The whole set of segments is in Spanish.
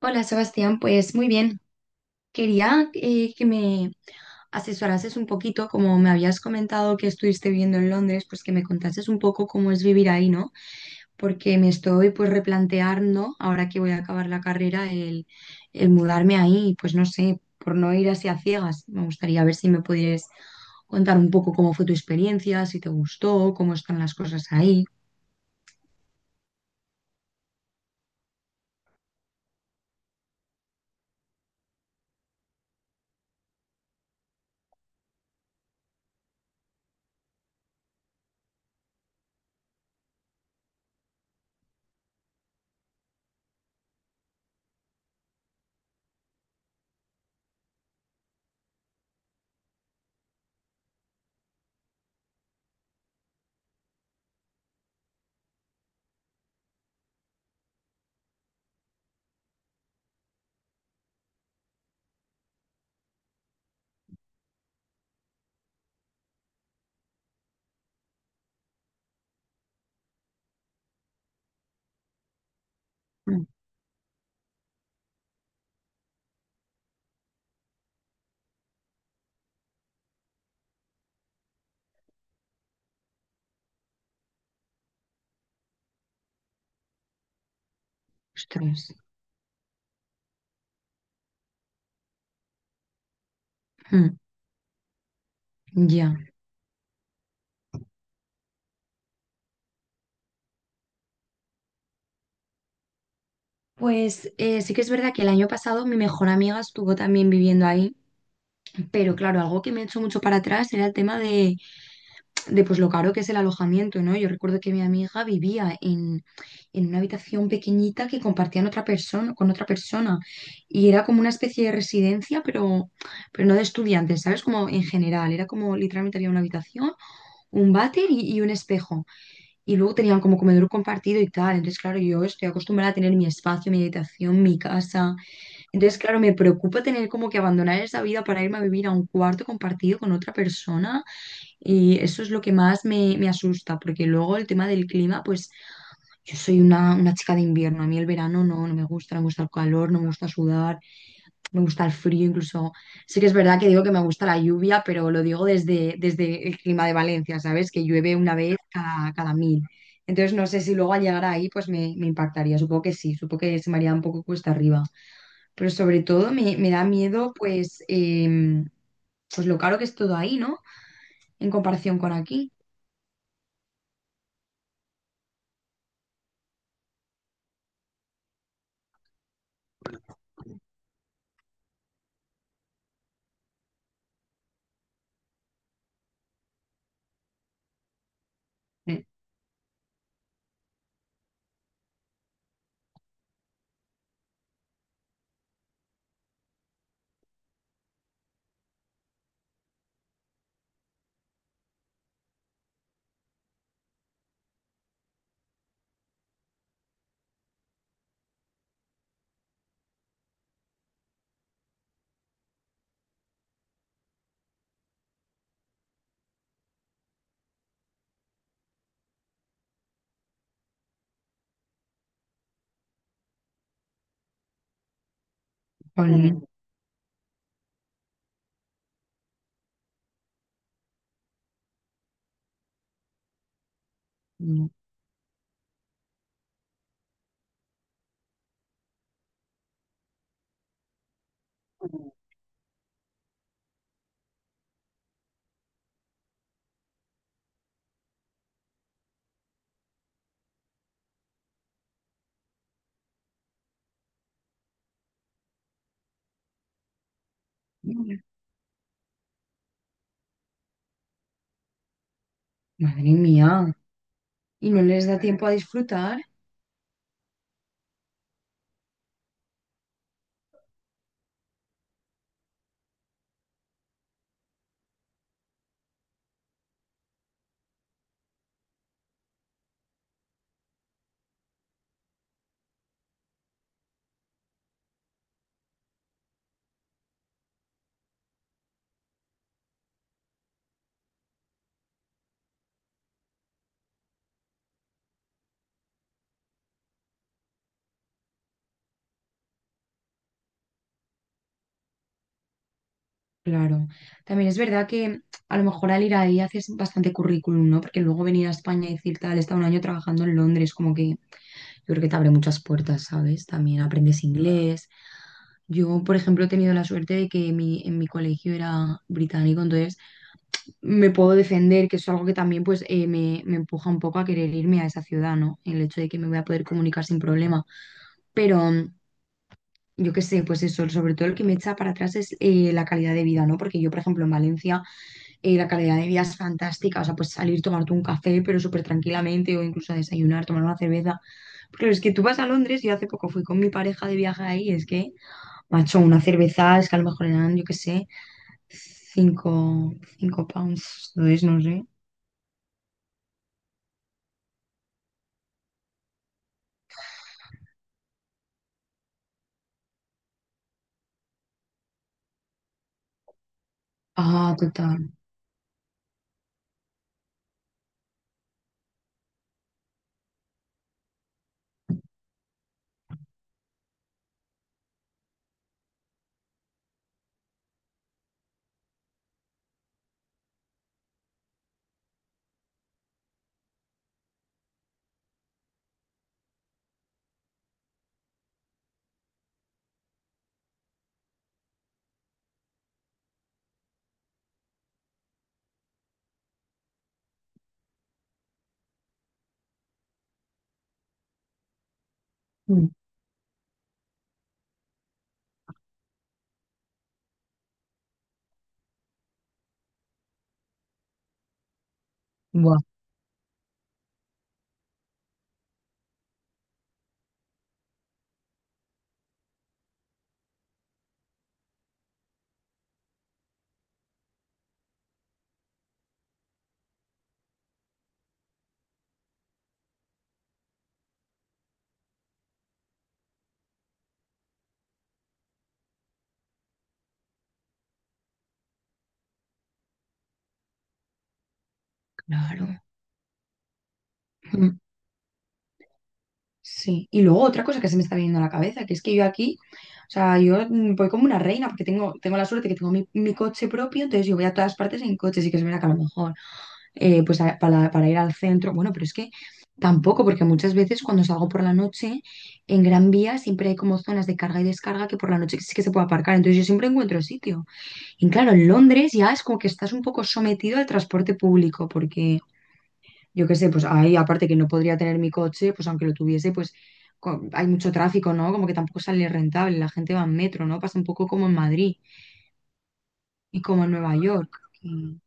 Hola Sebastián, pues muy bien. Quería que me asesorases un poquito, como me habías comentado que estuviste viviendo en Londres, pues que me contases un poco cómo es vivir ahí, ¿no? Porque me estoy pues replanteando, ahora que voy a acabar la carrera, el mudarme ahí, pues no sé, por no ir así a ciegas. Me gustaría ver si me pudieras contar un poco cómo fue tu experiencia, si te gustó, cómo están las cosas ahí. Mm, Ostras. Mm, ya. Pues sí que es verdad que el año pasado mi mejor amiga estuvo también viviendo ahí, pero claro, algo que me echó mucho para atrás era el tema de pues lo caro que es el alojamiento, ¿no? Yo recuerdo que mi amiga vivía en una habitación pequeñita que compartían otra persona, con otra persona y era como una especie de residencia, pero no de estudiantes, ¿sabes? Como en general, era como literalmente había una habitación, un váter y un espejo y luego tenían como comedor compartido y tal, entonces claro, yo estoy acostumbrada a tener mi espacio, mi habitación, mi casa. Entonces, claro, me preocupa tener como que abandonar esa vida para irme a vivir a un cuarto compartido con otra persona y eso es lo que más me asusta, porque luego el tema del clima, pues yo soy una chica de invierno, a mí el verano no me gusta, no me gusta el calor, no me gusta sudar, me gusta el frío, incluso. Sí que es verdad que digo que me gusta la lluvia, pero lo digo desde el clima de Valencia, ¿sabes? Que llueve una vez cada mil. Entonces no sé si luego al llegar ahí pues me impactaría. Supongo que sí, supongo que se me haría un poco cuesta arriba. Pero sobre todo me da miedo pues, pues lo caro que es todo ahí, ¿no? En comparación con aquí. Eh. Mm. Con. Madre mía. Y no les da tiempo a disfrutar. Claro. También es verdad que a lo mejor al ir ahí haces bastante currículum, ¿no? Porque luego venir a España y decir tal, he estado un año trabajando en Londres, como que yo creo que te abre muchas puertas, ¿sabes? También aprendes. Claro. Inglés. Yo, por ejemplo, he tenido la suerte de que mi, en mi colegio era británico, entonces me puedo defender, que es algo que también pues me, me empuja un poco a querer irme a esa ciudad, ¿no? El hecho de que me voy a poder comunicar sin problema. Pero yo qué sé, pues eso, sobre todo el que me echa para atrás es la calidad de vida, ¿no? Porque yo, por ejemplo, en Valencia la calidad de vida es fantástica, o sea, pues salir, tomarte un café, pero súper tranquilamente, o incluso a desayunar, tomar una cerveza. Porque es que tú vas a Londres, yo hace poco fui con mi pareja de viaje ahí, es que, macho, una cerveza es que a lo mejor eran, yo qué sé, cinco, cinco pounds, no es, no sé. Ah, total. Mm, Buah. Claro. Mm, Sí. Y luego otra cosa que se me está viniendo a la cabeza, que es que yo aquí, o sea, yo voy como una reina, porque tengo la suerte que tengo mi coche propio, entonces yo voy a todas partes en coche, sí que es verdad que a lo mejor, pues a- para ir al centro. Bueno, pero es que tampoco, porque muchas veces cuando salgo por la noche, en Gran Vía siempre hay como zonas de carga y descarga que por la noche sí que se puede aparcar. Entonces yo siempre encuentro sitio. Y claro, en Londres ya es como que estás un poco sometido al transporte público, porque yo qué sé, pues ahí aparte que no podría tener mi coche, pues aunque lo tuviese, pues co- hay mucho tráfico, ¿no? Como que tampoco sale rentable, la gente va en metro, ¿no? Pasa un poco como en Madrid y como en Nueva York. Y-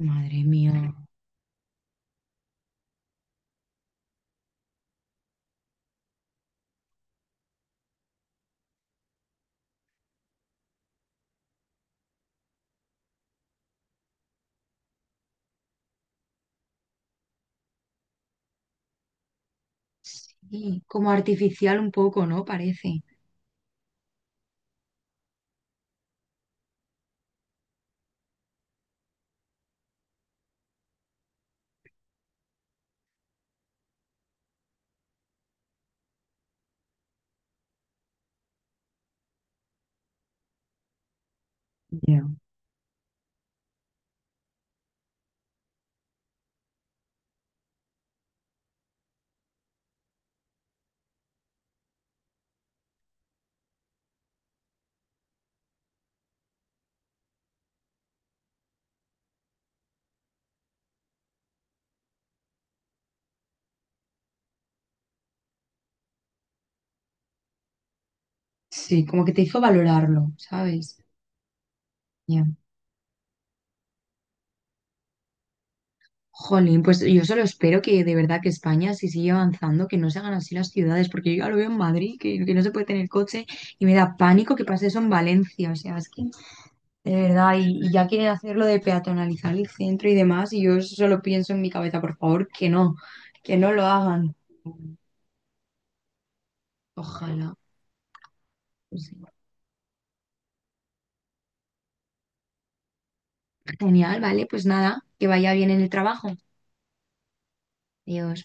Madre mía. Sí, como artificial un poco, ¿no? Parece. Ya. Sí, como que te hizo valorarlo, ¿sabes? Ya. Jolín, pues yo solo espero que de verdad que España, si sigue avanzando, que no se hagan así las ciudades, porque yo ya lo veo en Madrid, que no se puede tener coche, y me da pánico que pase eso en Valencia, o sea, es que de verdad, y ya quieren hacerlo de peatonalizar el centro y demás, y yo eso solo pienso en mi cabeza, por favor, que no lo hagan. Ojalá. Pues sí. Genial, vale, pues nada, que vaya bien en el trabajo. Adiós.